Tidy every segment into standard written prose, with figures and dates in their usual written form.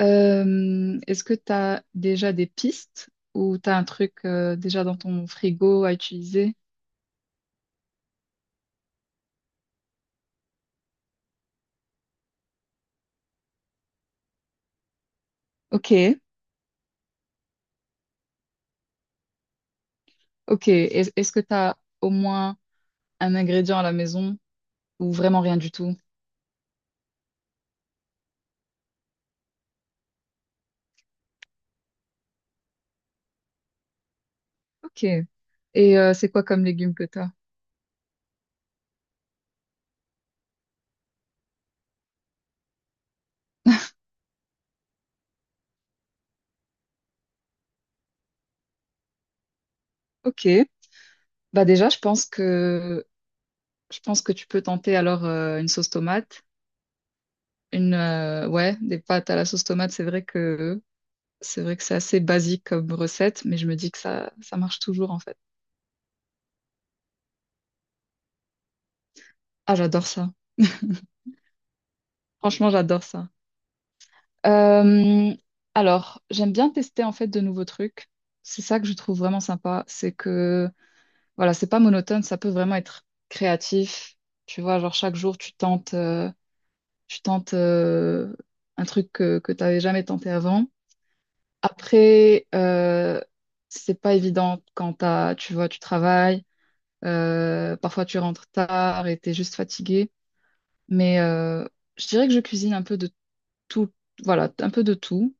Est-ce que tu as déjà des pistes ou tu as un truc déjà dans ton frigo à utiliser? Ok, ok. Est-ce que tu as au moins un ingrédient à la maison ou vraiment rien du tout? Ok. Et c'est quoi comme légumes que tu as? Ok. Bah déjà, je pense que tu peux tenter alors une sauce tomate, une ouais, des pâtes à la sauce tomate, c'est vrai que c'est assez basique comme recette, mais je me dis que ça marche toujours en fait. Ah, j'adore ça. Franchement, j'adore ça. Euh, alors, j'aime bien tester en fait de nouveaux trucs. C'est ça que je trouve vraiment sympa. C'est que, voilà, c'est pas monotone, ça peut vraiment être créatif. Tu vois, genre chaque jour, tu tentes un truc que tu jamais tenté avant. Après, c'est pas évident quand tu vois, tu travailles. Parfois, tu rentres tard et t'es juste fatigué. Mais euh, je dirais que je cuisine un peu de tout, voilà, un peu de tout.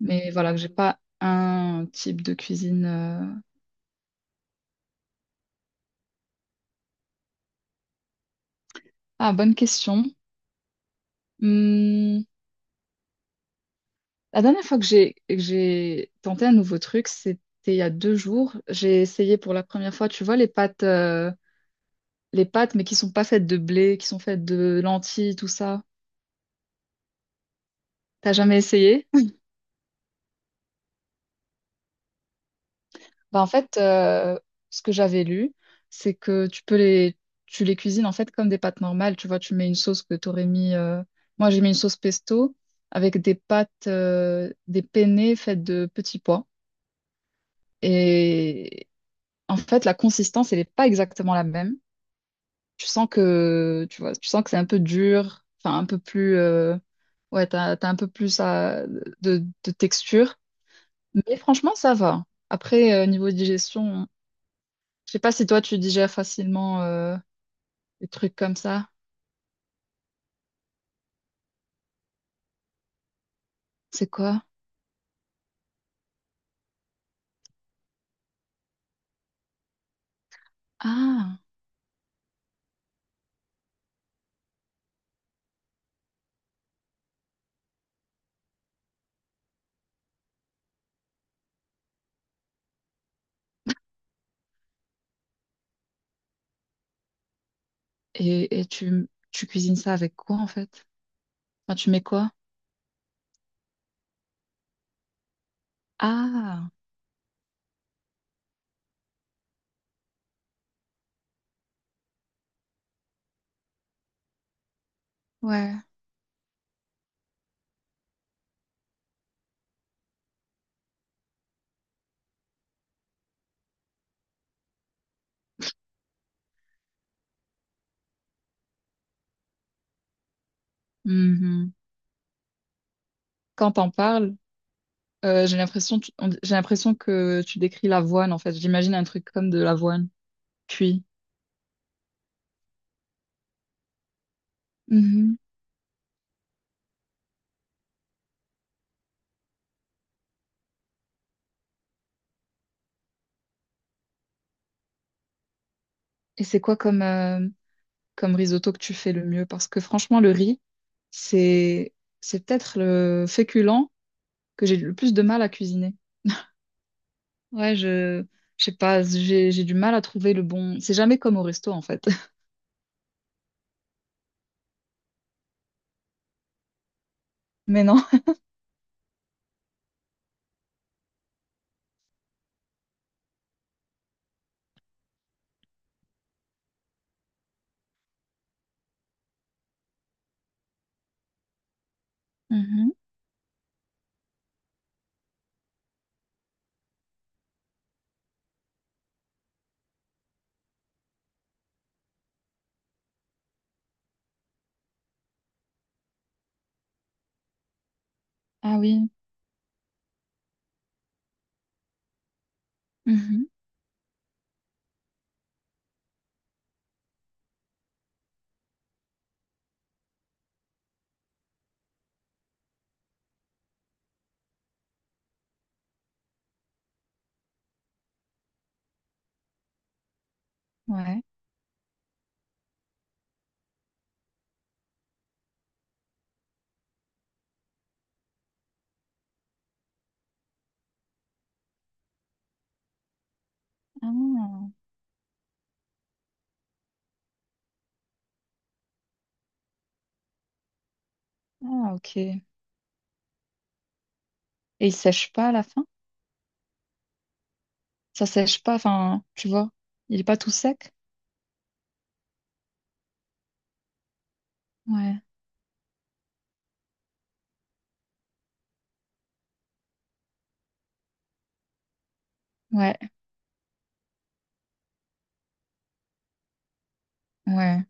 Mais voilà, que j'ai pas un type de cuisine. Ah, bonne question. Hmm, La dernière fois que j'ai tenté un nouveau truc, c'était il y a deux jours. J'ai essayé pour la première fois, tu vois, les pâtes, mais qui sont pas faites de blé, qui sont faites de lentilles, tout ça. T'as jamais essayé? Bah, en fait, ce que j'avais lu, c'est que tu les cuisines en fait comme des pâtes normales. Tu vois, tu mets une sauce que tu aurais mis. Moi, j'ai mis une sauce pesto avec des pâtes, des penne faites de petits pois. Et en fait, la consistance, elle n'est pas exactement la même. Tu sens que, tu vois, tu sens que c'est un peu dur, enfin un peu plus, ouais, t'as un peu plus de texture. Mais franchement, ça va. Après, niveau digestion. Je sais pas si toi tu digères facilement des trucs comme ça. C'est quoi? Ah, et, tu cuisines ça avec quoi en fait? Enfin, tu mets quoi? Ah, ouais. Mhm. Quand t'en parles, j'ai l'impression j'ai l'impression que tu décris l'avoine en fait. J'imagine un truc comme de l'avoine. Cuit. Mhm. Et c'est quoi comme, comme risotto que tu fais le mieux? Parce que franchement, le riz, c'est c'est peut-être le féculent que j'ai le plus de mal à cuisiner. Ouais, je, je sais pas, j'ai du mal à trouver le bon. C'est jamais comme au resto, en fait. Mais non. Mhm. Ah oui. Mhm. Ouais. Ah, ah, ok. Et il sèche pas à la fin? Ça sèche pas, enfin, tu vois. Il est pas tout sec? Ouais. Ouais. Ouais.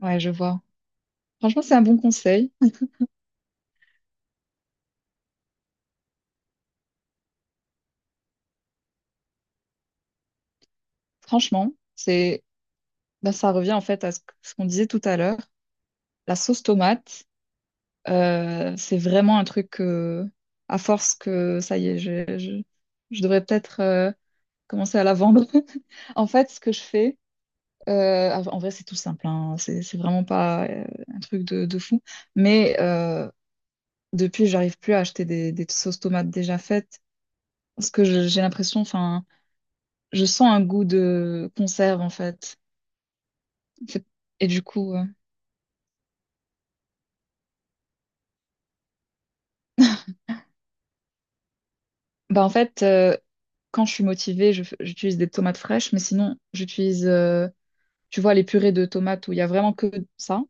Ouais, je vois. Franchement, c'est un bon conseil. Franchement, bah, ça revient en fait à ce qu'on disait tout à l'heure. La sauce tomate, c'est vraiment un truc à force que, ça y est, je devrais peut-être. Commencer à la vendre. En fait, ce que je fais, en en vrai, c'est tout simple, hein. C'est vraiment pas un truc de fou. Mais euh, Depuis, j'arrive plus à acheter des sauces tomates déjà faites parce que j'ai l'impression, enfin, je sens un goût de conserve en fait. C'est- Et du coup, bah en fait, quand je suis motivée, j'utilise des tomates fraîches, mais sinon, j'utilise, tu vois, les purées de tomates où il y a vraiment que ça.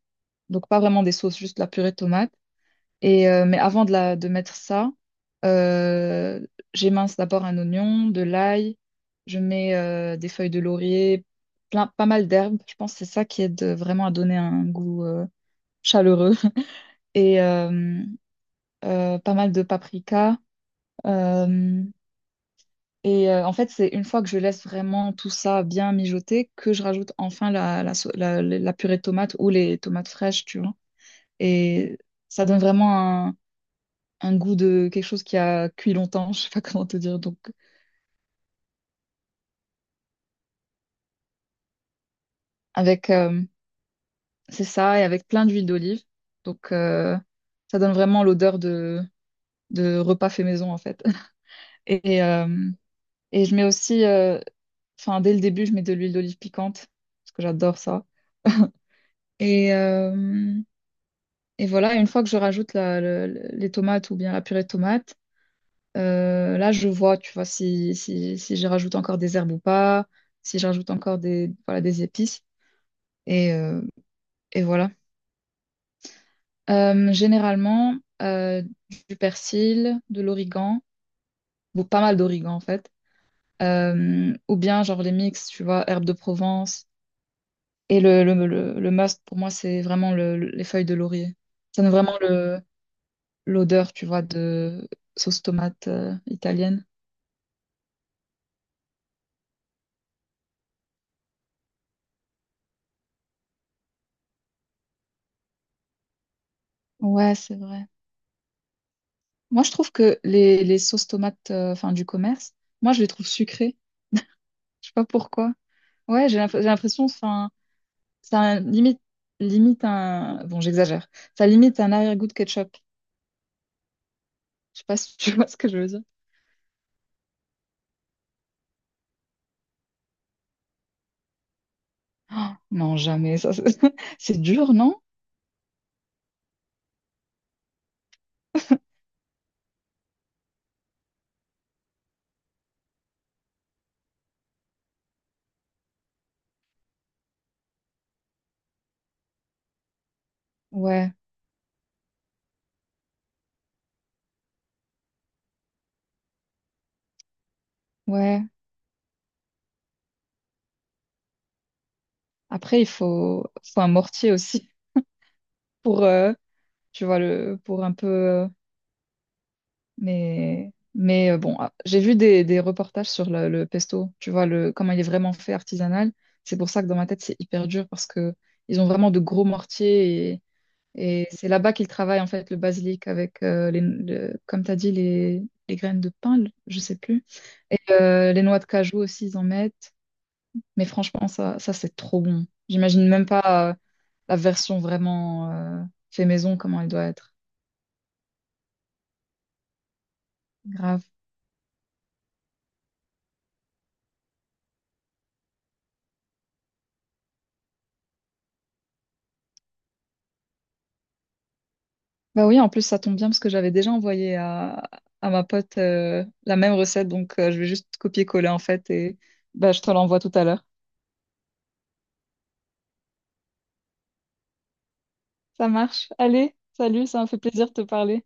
Donc pas vraiment des sauces, juste la purée de tomates. Et, mais avant de, de mettre ça, euh, j'émince d'abord un oignon, de l'ail, je mets des feuilles de laurier, pas mal d'herbes. Je pense que c'est ça qui aide vraiment à donner un goût chaleureux. Et pas mal de paprika. euh, En fait, c'est une fois que je laisse vraiment tout ça bien mijoter que je rajoute enfin la purée de tomates ou les tomates fraîches, tu vois. Et ça donne vraiment un goût de quelque chose qui a cuit longtemps, je sais pas comment te dire. Donc, avec, c'est ça, et avec plein d'huile d'olive. Donc, ça donne vraiment l'odeur de repas fait maison, en fait. Et, euh, et je mets aussi, enfin, dès le début, je mets de l'huile d'olive piquante, parce que j'adore ça. Et, euh, et voilà, une fois que je rajoute les tomates ou bien la purée de tomates, là, je vois, tu vois, si je rajoute encore des herbes ou pas, si je rajoute encore des, voilà, des épices. Et, euh, Et voilà. Généralement, euh, du persil, de l'origan, ou pas mal d'origan en fait. Ou bien genre les mix, tu vois, herbes de Provence. Et le must pour moi, c'est vraiment les feuilles de laurier. Ça donne vraiment le, l'odeur, tu vois, de sauce tomate italienne. Ouais, c'est vrai. Moi, je trouve que les sauces tomates enfin, du commerce, moi, je les trouve sucrées. Je sais pas pourquoi. Ouais, j'ai l'impression, enfin. Ça limite, Limite un. Bon, j'exagère. Ça limite un arrière-goût de ketchup. Je sais pas si tu vois ce que je veux dire. Oh, non, jamais. Ça, c'est c'est dur, non? Ouais, ouais. Après, faut un mortier aussi pour, tu vois, le, pour un peu. Mais, bon, ah, j'ai vu des reportages sur le pesto. Tu vois, le, comment il est vraiment fait artisanal. C'est pour ça que dans ma tête, c'est hyper dur parce que ils ont vraiment de gros mortiers. Et c'est là-bas qu'il travaille en fait le basilic avec, comme tu as dit, les graines de pain, je sais plus. Et les noix de cajou aussi, ils en mettent. Mais franchement, ça c'est trop bon. J'imagine même pas la version vraiment fait maison, comment elle doit être. Grave. Bah oui, en plus, ça tombe bien parce que j'avais déjà envoyé à ma pote la même recette. Donc, je vais juste copier-coller en fait. Et bah, je te l'envoie tout à l'heure. Ça marche. Allez, salut, ça m'a fait plaisir de te parler.